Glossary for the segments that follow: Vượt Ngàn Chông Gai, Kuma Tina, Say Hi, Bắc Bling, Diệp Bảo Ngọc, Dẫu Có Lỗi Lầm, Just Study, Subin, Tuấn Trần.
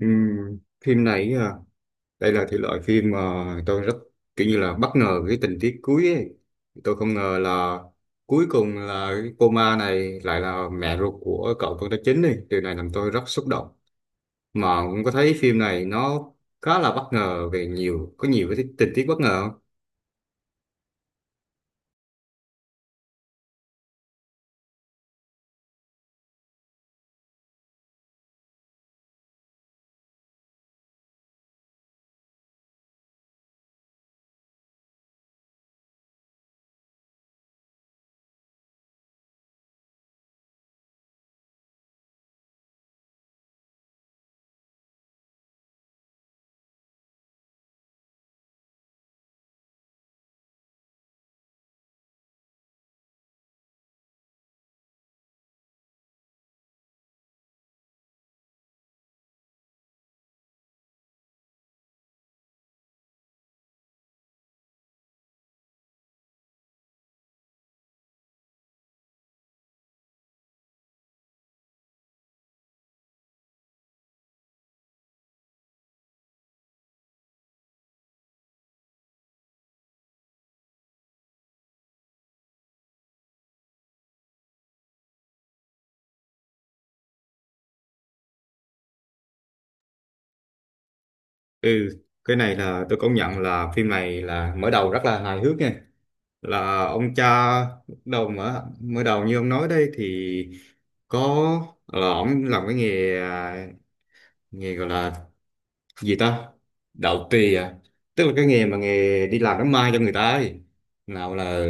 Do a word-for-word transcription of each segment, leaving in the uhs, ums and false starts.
Ừm, phim này à, đây là thể loại phim mà tôi rất kiểu như là bất ngờ cái tình tiết cuối ấy. Tôi không ngờ là cuối cùng là cái cô ma này lại là mẹ ruột của cậu con trai chính đi. Điều này làm tôi rất xúc động. Mà cũng có thấy phim này nó khá là bất ngờ về nhiều có nhiều cái tình tiết bất ngờ không? Ừ, cái này là tôi công nhận là phim này là mở đầu rất là hài hước nha. Là ông cha, đầu mở mới đầu như ông nói đây thì có là ông làm cái nghề, à, nghề gọi là gì ta, đạo tỳ à, tức là cái nghề mà nghề đi làm đám ma cho người ta ấy, nào là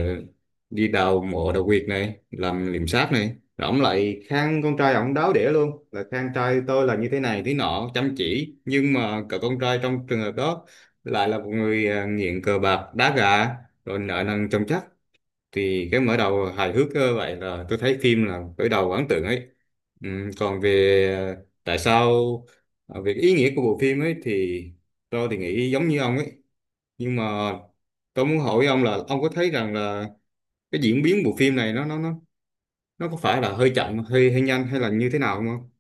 đi đào mộ, đào huyệt này, làm liệm xác này, rồi ông lại khen con trai ông đáo đĩa luôn, là khen trai tôi là như thế này thế nọ, chăm chỉ, nhưng mà cậu con trai trong trường hợp đó lại là một người, à, nghiện cờ bạc, đá gà, rồi nợ nần chồng chất. Thì cái mở đầu hài hước ờ, vậy là tôi thấy phim là khởi đầu ấn tượng ấy. Ừm, còn về ờ, tại sao ờ, về cái ý nghĩa của bộ phim ấy, thì tôi thì nghĩ giống như ông ấy, nhưng mà tôi muốn hỏi ông là ông có thấy rằng là cái diễn biến bộ phim này nó nó nó nó có phải là hơi chậm, hơi hơi nhanh, hay là như thế nào không?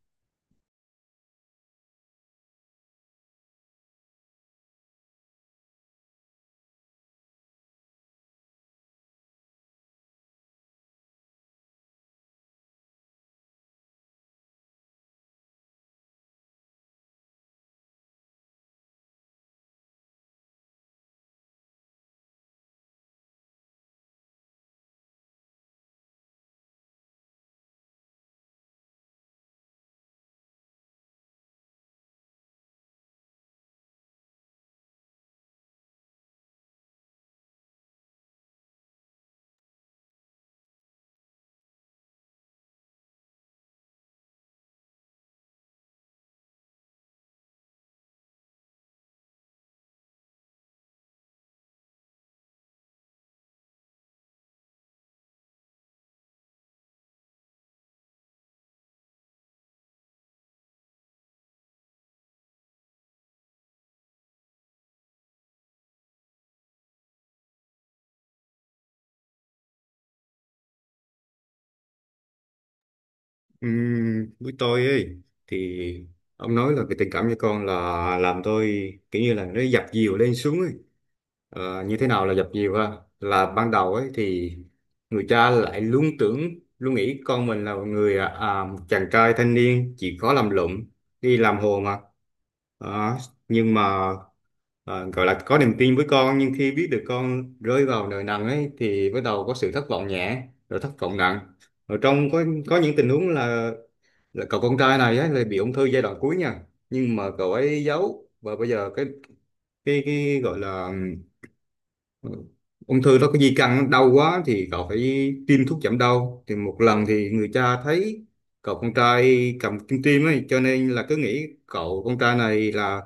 Ừm, với tôi ấy thì ông nói là cái tình cảm cho con là làm tôi kiểu như là nó dập dìu lên xuống ấy. Ờ, như thế nào là dập dìu ha? Là ban đầu ấy thì người cha lại luôn tưởng, luôn nghĩ con mình là một người, à, à, một chàng trai thanh niên chỉ có làm lụm, đi làm hồ mà. Đó, nhưng mà, à, gọi là có niềm tin với con, nhưng khi biết được con rơi vào nợ nần ấy thì bắt đầu có sự thất vọng nhẹ, rồi thất vọng nặng, ở trong có có những tình huống là, là cậu con trai này ấy, là bị ung thư giai đoạn cuối nha, nhưng mà cậu ấy giấu. Và bây giờ cái cái, cái gọi là Ừ. Ung thư đó có di căn, đau quá thì cậu phải tiêm thuốc giảm đau, thì một lần thì người cha thấy cậu con trai cầm kim tiêm ấy, cho nên là cứ nghĩ cậu con trai này là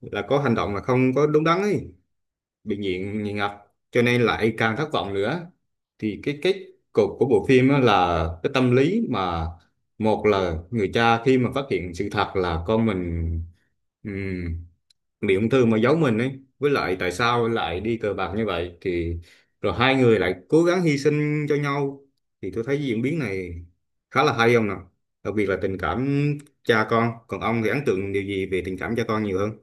là có hành động là không có đúng đắn ấy, bị nghiện nghiện ngập, cho nên lại càng thất vọng nữa. Thì cái kết cục của bộ phim á là cái tâm lý mà, một là người cha khi mà phát hiện sự thật là con mình bị ung thư mà giấu mình ấy, với lại tại sao lại đi cờ bạc như vậy, thì rồi hai người lại cố gắng hy sinh cho nhau, thì tôi thấy diễn biến này khá là hay ông nào. Đặc biệt là tình cảm cha con. Còn ông thì ấn tượng điều gì về tình cảm cha con nhiều hơn?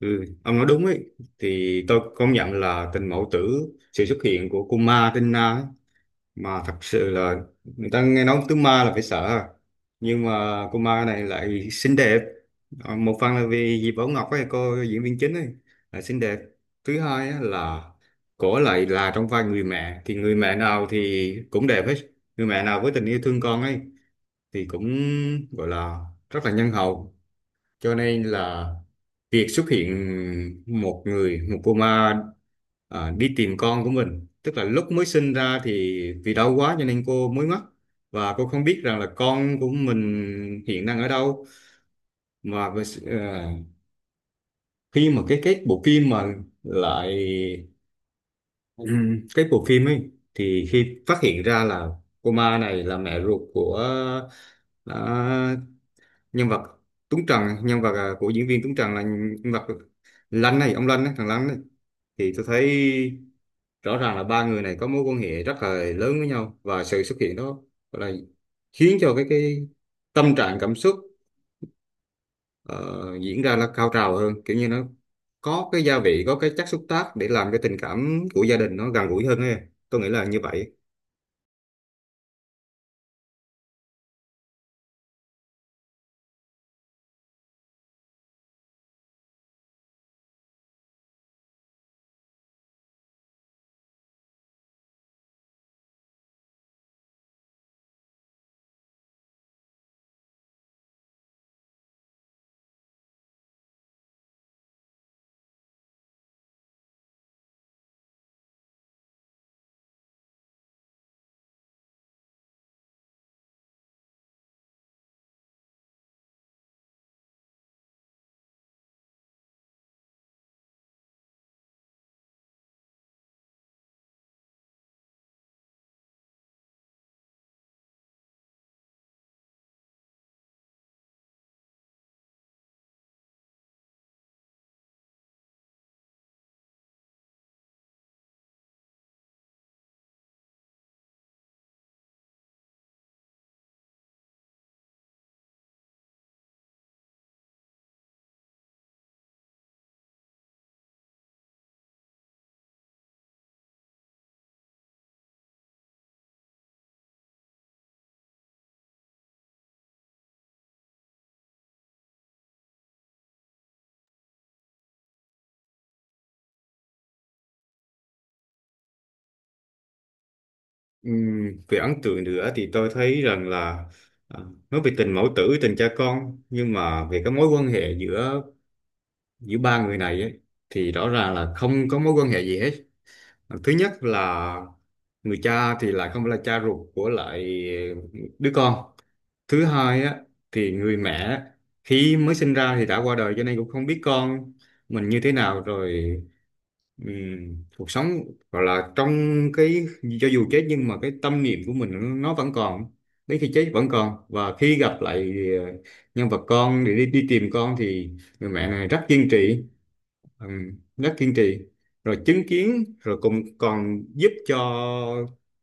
Ừ, ông nói đúng ấy. Thì tôi công nhận là tình mẫu tử, sự xuất hiện của Kuma Tina ấy, mà thật sự là người ta nghe nói tướng ma là phải sợ ha. Nhưng mà cô ma này lại xinh đẹp. Ờ, một phần là vì Diệp Bảo Ngọc ấy, cô diễn viên chính ấy là xinh đẹp. Thứ hai á là cổ lại là trong vai người mẹ, thì người mẹ nào thì cũng đẹp hết, người mẹ nào với tình yêu thương con ấy thì cũng gọi là rất là nhân hậu. Cho nên là việc xuất hiện một người một cô ma, à, đi tìm con của mình, tức là lúc mới sinh ra thì vì đau quá cho nên cô mới mất, và cô không biết rằng là con của mình hiện đang ở đâu, mà với sự- à, khi mà cái cái bộ phim mà lại ừm, cái bộ phim ấy thì khi phát hiện ra là cô ma này là mẹ ruột của, à, nhân vật Tuấn Trần, nhân vật, à, của diễn viên Tuấn Trần là nhân vật Lanh này, ông Lanh ấy, thằng Lanh ấy, thì tôi thấy rõ ràng là ba người này có mối quan hệ rất là lớn với nhau, và sự xuất hiện đó là khiến cho cái cái tâm trạng, cảm xúc ờ, diễn ra là cao trào hơn, kiểu như nó có cái gia vị, có cái chất xúc tác để làm cái tình cảm của gia đình nó gần gũi hơn ấy. Tôi nghĩ là như vậy. Ừm, về ấn tượng nữa thì tôi thấy rằng là, à, nói về tình mẫu tử, tình cha con, nhưng mà về cái mối quan hệ giữa giữa ba người này ấy, thì rõ ràng là không có mối quan hệ gì hết. Ờ, thứ nhất là người cha thì lại không phải là cha ruột của lại đứa con. Thứ hai á thì người mẹ khi mới sinh ra thì đã qua đời, cho nên cũng không biết con mình như thế nào rồi. Ừm, cuộc sống gọi là trong cái, cho dù chết nhưng mà cái tâm niệm của mình nó vẫn còn, đến khi chết vẫn còn, và khi gặp lại ờ, nhân vật con để đi, đi tìm con, thì người mẹ này rất kiên trì, ừ, rất kiên trì, rồi chứng kiến, rồi cũng còn giúp cho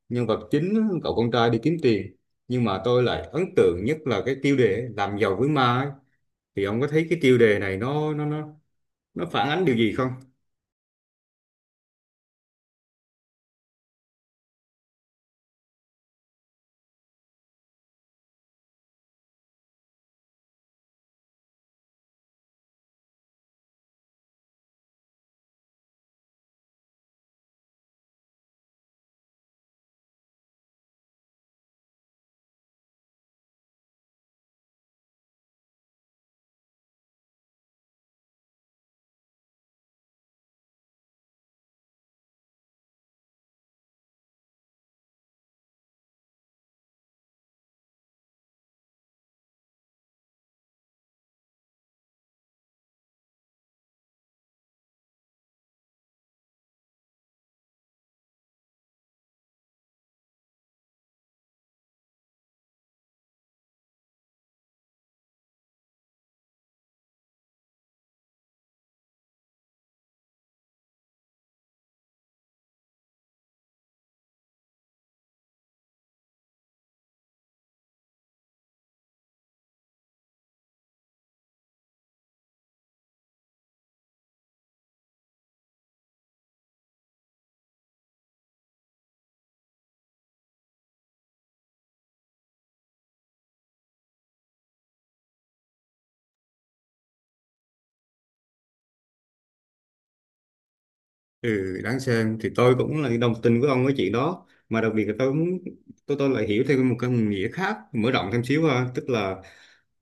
nhân vật chính cậu con trai đi kiếm tiền. Nhưng mà tôi lại ấn tượng nhất là cái tiêu đề ấy, làm giàu với ma ấy. Thì ông có thấy cái tiêu đề này nó nó nó nó phản ánh điều gì không? Ừ, đáng xem thì tôi cũng là đồng tình với ông cái chuyện đó, mà đặc biệt là tôi cũng tôi tôi lại hiểu thêm một cái nghĩa khác, mở rộng thêm xíu ha, tức là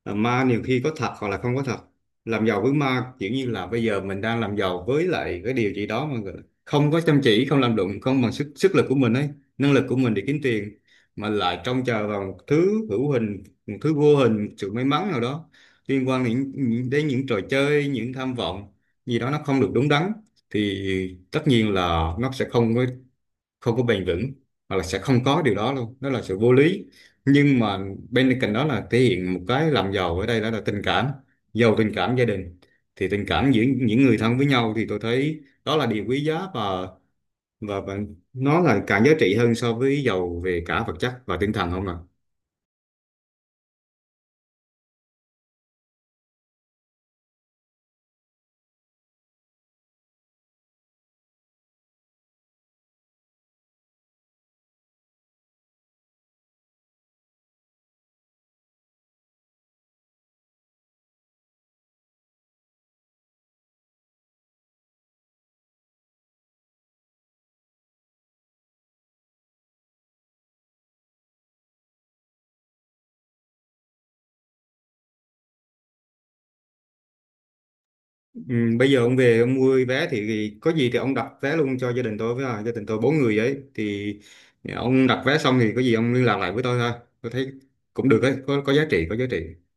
Ờ, ma nhiều khi có thật hoặc là không có thật. Làm giàu với ma kiểu như là bây giờ mình đang làm giàu với lại cái điều gì đó mà không có chăm chỉ, không làm đụng, không bằng sức sức lực của mình ấy, năng lực của mình để kiếm tiền, mà lại trông chờ vào một thứ hữu hình, một thứ vô hình, một sự may mắn nào đó liên quan đến, đến những trò chơi, những tham vọng gì đó nó không được đúng đắn, thì tất nhiên là nó sẽ không có không có bền vững, hoặc là sẽ không có điều đó luôn, đó là sự vô lý. Nhưng mà bên cạnh đó là thể hiện một cái làm giàu ở đây, đó là tình cảm, giàu tình cảm gia đình. Thì tình cảm giữa những người thân với nhau, thì tôi thấy đó là điều quý giá, và và, và nó là càng giá trị hơn so với giàu về cả vật chất và tinh thần, không ạ? Ừ, bây giờ ông về ông mua vé thì, thì có gì thì ông đặt vé luôn cho gia đình tôi với, à, gia đình tôi bốn người ấy, thì ông đặt vé xong thì có gì ông liên lạc lại với tôi ha. Tôi thấy cũng được ấy, có có giá trị, có giá trị.